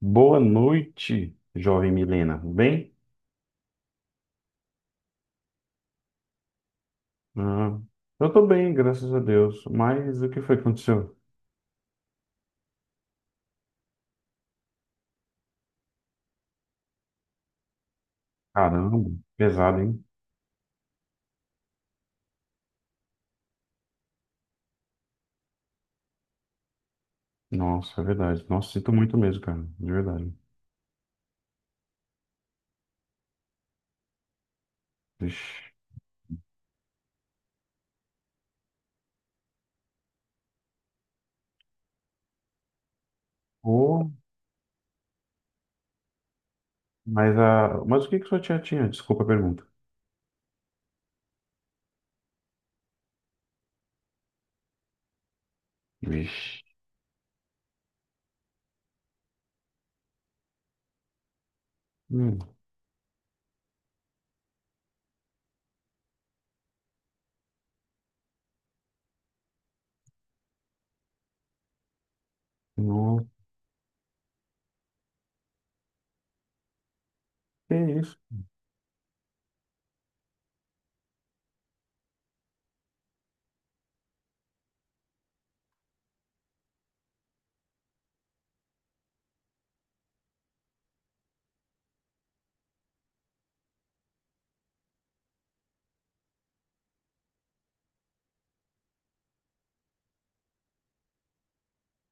Boa noite, jovem Milena. Bem? Ah, eu tô bem, graças a Deus. Mas o que foi que aconteceu? Caramba, pesado, hein? Nossa, é verdade. Nossa, sinto muito mesmo, cara. De verdade. Vixe. Ô, mas o que que sua tia tinha? Desculpa a pergunta. Vixe. Hum, nossa, que isso?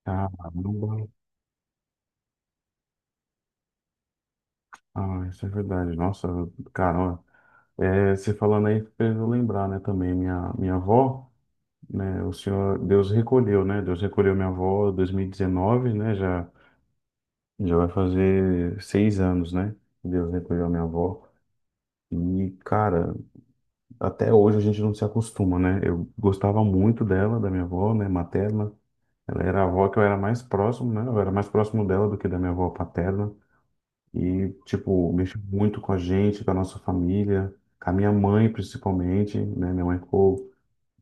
Caramba. Ah, isso é verdade. Nossa, caramba. É, você falando aí fez eu lembrar, né, também. Minha avó, né? O Senhor, Deus recolheu, né? Deus recolheu minha avó em 2019, né? Já vai fazer 6 anos, né? Deus recolheu minha avó. E, cara, até hoje a gente não se acostuma, né? Eu gostava muito dela, da minha avó, né? Materna. Ela era a avó que eu era mais próximo, né? Eu era mais próximo dela do que da minha avó paterna. E, tipo, mexeu muito com a gente, com a nossa família, com a minha mãe, principalmente, né? Minha mãe ficou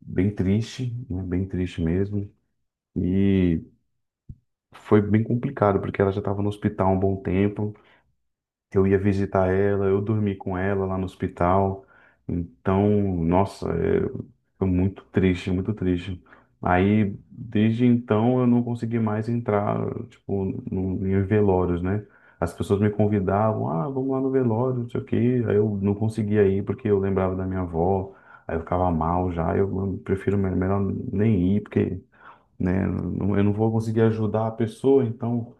bem triste, né? Bem triste mesmo. E foi bem complicado, porque ela já estava no hospital há um bom tempo. Eu ia visitar ela, eu dormi com ela lá no hospital. Então, nossa, foi muito triste, muito triste. Aí, desde então, eu não consegui mais entrar, tipo, no, em velórios, né? As pessoas me convidavam, ah, vamos lá no velório, não sei o quê. Aí eu não conseguia ir porque eu lembrava da minha avó, aí eu ficava mal já. Eu prefiro melhor nem ir, porque né? Eu não vou conseguir ajudar a pessoa, então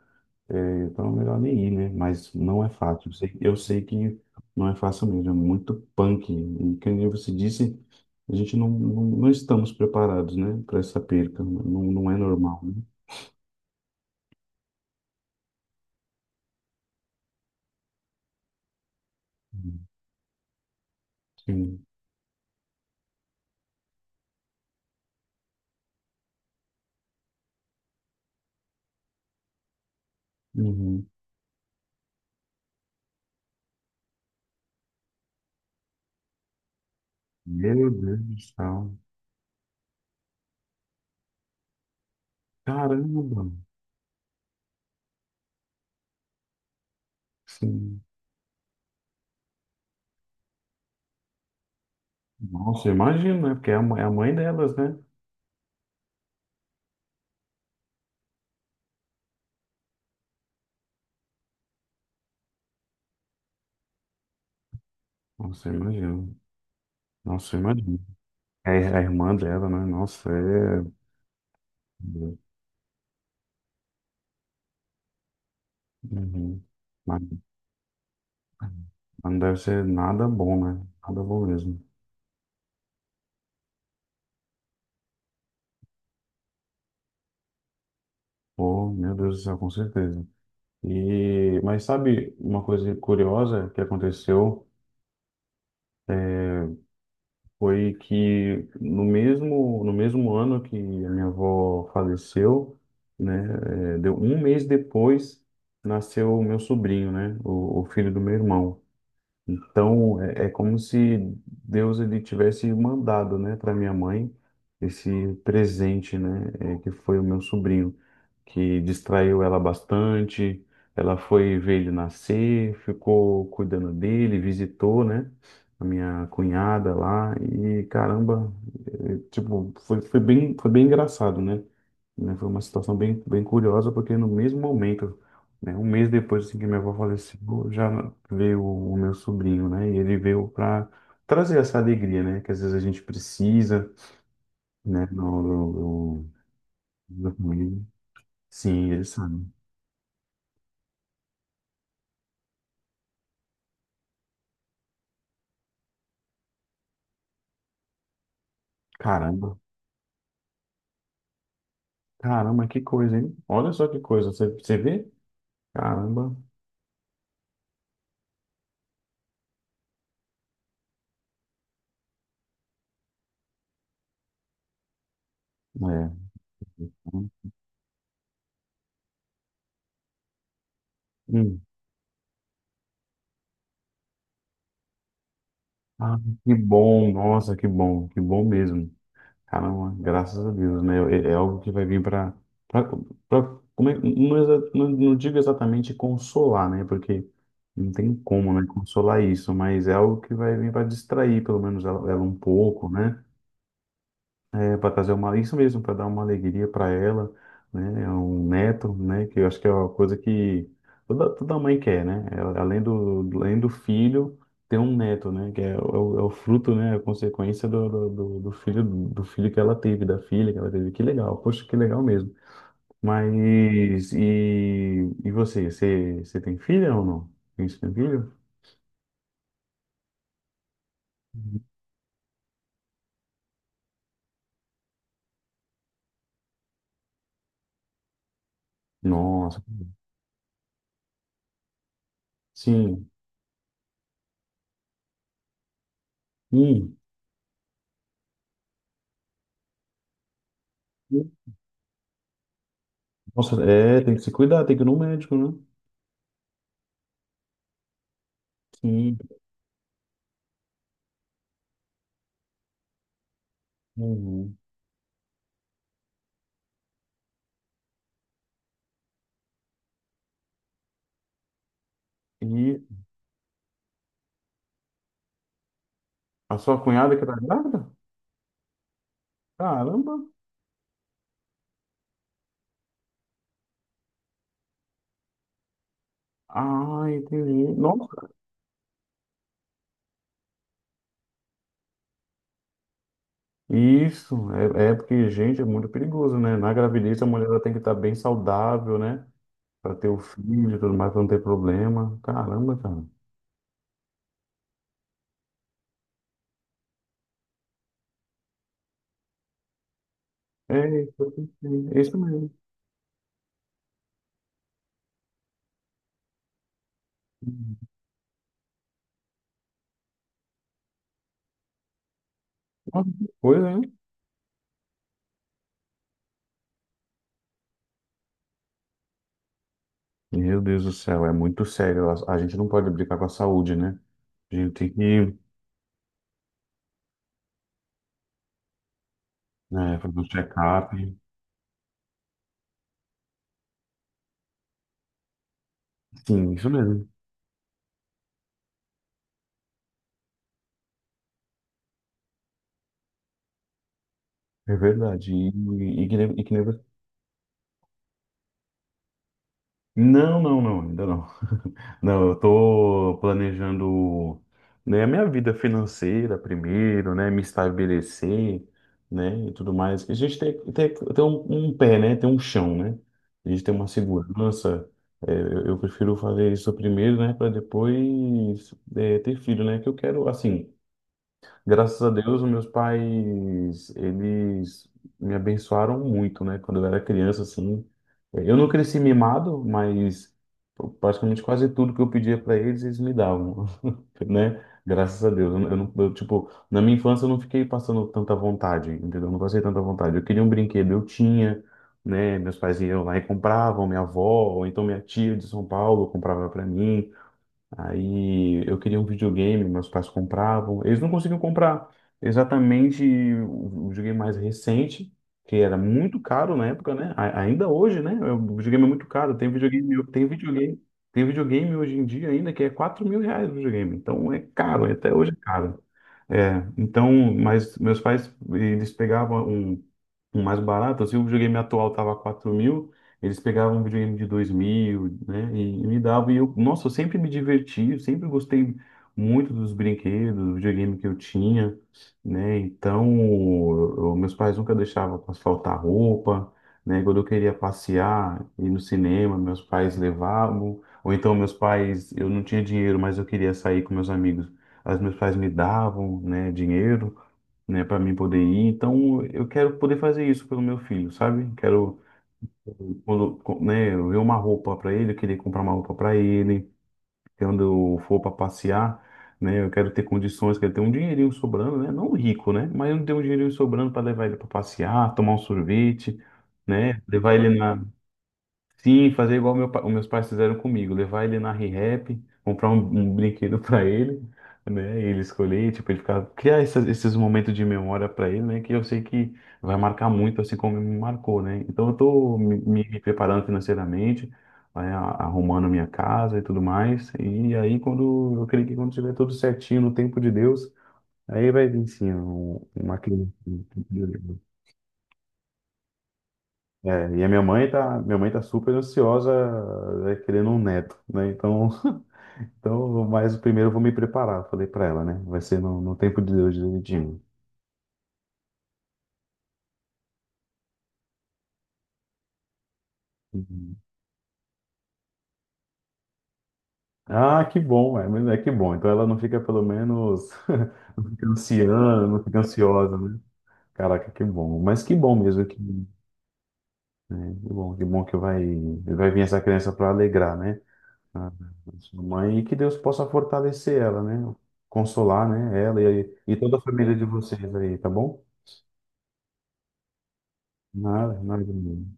é é melhor nem ir, né? Mas não é fácil. Eu sei que não é fácil mesmo, é muito punk. E que você disse, a gente não estamos preparados, né, para essa perca. Não, não é normal, né? Sim. Uhum. Meu Deus do céu. Caramba! Sim. Nossa, eu imagino, né? Porque é a mãe delas, né? Nossa, eu imagino. Nossa, eu imagino. É a irmã dela, né? Nossa, é. Uhum. Não deve ser nada bom, né? Nada bom mesmo. Oh, meu Deus do céu, com certeza. E, mas sabe uma coisa curiosa que aconteceu foi que no mesmo ano que a minha avó faleceu, né? Deu um mês depois nasceu o meu sobrinho, né? O filho do meu irmão. Então é como se Deus ele tivesse mandado, né, para minha mãe esse presente, né? Que foi o meu sobrinho. Que distraiu ela bastante. Ela foi ver ele nascer, ficou cuidando dele, visitou, né? A minha cunhada lá e caramba, tipo, foi bem engraçado, né? Né, foi uma situação bem, bem curiosa porque no mesmo momento, né, um mês depois assim que minha avó faleceu, já veio o meu sobrinho, né? E ele veio para trazer essa alegria, né? Que às vezes a gente precisa, né? No, no- no- Sim, ele sabe. Caramba. Caramba, que coisa, hein? Olha só que coisa. Você vê? Caramba. É. Hum. Ah, que bom. Nossa, que bom. Que bom mesmo. Caramba, graças a Deus, né? É algo que vai vir para... Como é, não digo exatamente consolar, né? Porque não tem como, né? Consolar isso. Mas é algo que vai vir para distrair, pelo menos, ela um pouco, né? Para isso mesmo, para dar uma alegria para ela, né? É um neto, né? Que eu acho que é uma coisa que toda mãe quer, né? Além do filho, ter um neto, né? Que é o fruto, né? A consequência do filho, do filho que ela teve, da filha que ela teve. Que legal, poxa, que legal mesmo. Mas e você? Você tem filha ou não? Você tem filho? Uhum. Nossa, sim. Hum. Nossa, tem que se cuidar, tem que ir no médico, né? Sim. Uhum. E a sua cunhada que tá grávida? Caramba! Ah, entendi. Nossa! Isso, é porque, gente, é muito perigoso, né? Na gravidez a mulher ela tem que estar bem saudável, né? Pra ter o filho e tudo mais, pra não ter problema. Caramba, cara. É isso, eu pensei. É isso mesmo. Nossa, que coisa, hein? Meu Deus do céu, é muito sério. A gente não pode brincar com a saúde, né? A gente tem que, né, fazer um check-up. Sim, isso mesmo. É verdade. E que nem Não, não, não, ainda não. Não, eu tô planejando, né, a minha vida financeira primeiro, né, me estabelecer, né, e tudo mais. A gente tem um pé, né, tem um chão, né? A gente tem uma segurança. É, eu prefiro fazer isso primeiro, né, para depois ter filho, né? Que eu quero, assim. Graças a Deus, os meus pais, eles me abençoaram muito, né? Quando eu era criança, assim. Eu não cresci mimado, mas praticamente quase tudo que eu pedia para eles, eles me davam, né? Graças a Deus. Eu, não, eu não- eu, tipo, na minha infância eu não fiquei passando tanta vontade, entendeu? Eu não passei tanta vontade. Eu queria um brinquedo, eu tinha, né? Meus pais iam lá e compravam, minha avó, ou então minha tia de São Paulo comprava para mim. Aí eu queria um videogame, meus pais compravam. Eles não conseguiam comprar exatamente o videogame mais recente, que era muito caro na época, né? Ainda hoje, né? É, o videogame é muito caro. Tem videogame hoje em dia ainda que é R$ 4.000 o videogame. Então é caro, até hoje é caro. É, então, mas meus pais, eles pegavam um mais barato, se o videogame atual tava 4.000, eles pegavam um videogame de 2.000, né, e me davam, e eu, nossa, eu sempre me diverti, eu sempre gostei muito dos brinquedos, do videogame que eu tinha, né, então meus pais nunca deixavam pra faltar roupa, né, quando eu queria passear, ir no cinema, meus pais levavam, ou então meus pais, eu não tinha dinheiro, mas eu queria sair com meus amigos, as meus pais me davam, né, dinheiro, né, para mim poder ir. Então, eu quero poder fazer isso pelo meu filho, sabe? Quero, quando, né, eu ver uma roupa para ele, eu queria comprar uma roupa para ele, quando eu for para passear, né, eu quero ter condições, quero ter um dinheirinho sobrando, né? Não rico, né? Mas eu não tenho um dinheirinho sobrando para levar ele para passear, tomar um sorvete, né? Levar ele. Sim, fazer igual os meus pais fizeram comigo, levar ele na Rehap, comprar um brinquedo para ele, né? E ele escolher, tipo, ele ficar, criar esses momentos de memória para ele, né? Que eu sei que vai marcar muito, assim como me marcou, né? Então eu tô me preparando financeiramente, né, arrumando minha casa e tudo mais. E aí quando eu creio que quando tiver tudo certinho no tempo de Deus, aí vai vir sim uma criança. Né, é, e a minha mãe tá super ansiosa, querendo um neto, né? Então, então, mas primeiro eu vou me preparar, falei para ela, né? Vai ser no tempo de Deus direitinho. Uhum. Ah, que bom, mas é que bom. Então ela não fica pelo menos não fica ansiando, não fica ansiosa, né? Caraca, que bom. Mas que bom mesmo que, né? Que bom, que bom que vai vir essa criança para alegrar, né? A sua mãe, e que Deus possa fortalecer ela, né? Consolar, né? Ela e toda a família de vocês aí, tá bom? Nada, nada mesmo.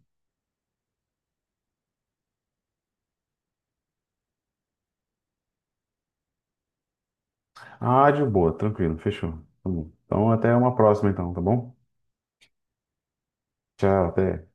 Ah, de boa, tranquilo, fechou. Tá bom. Então, até uma próxima, então, tá bom? Tchau, até.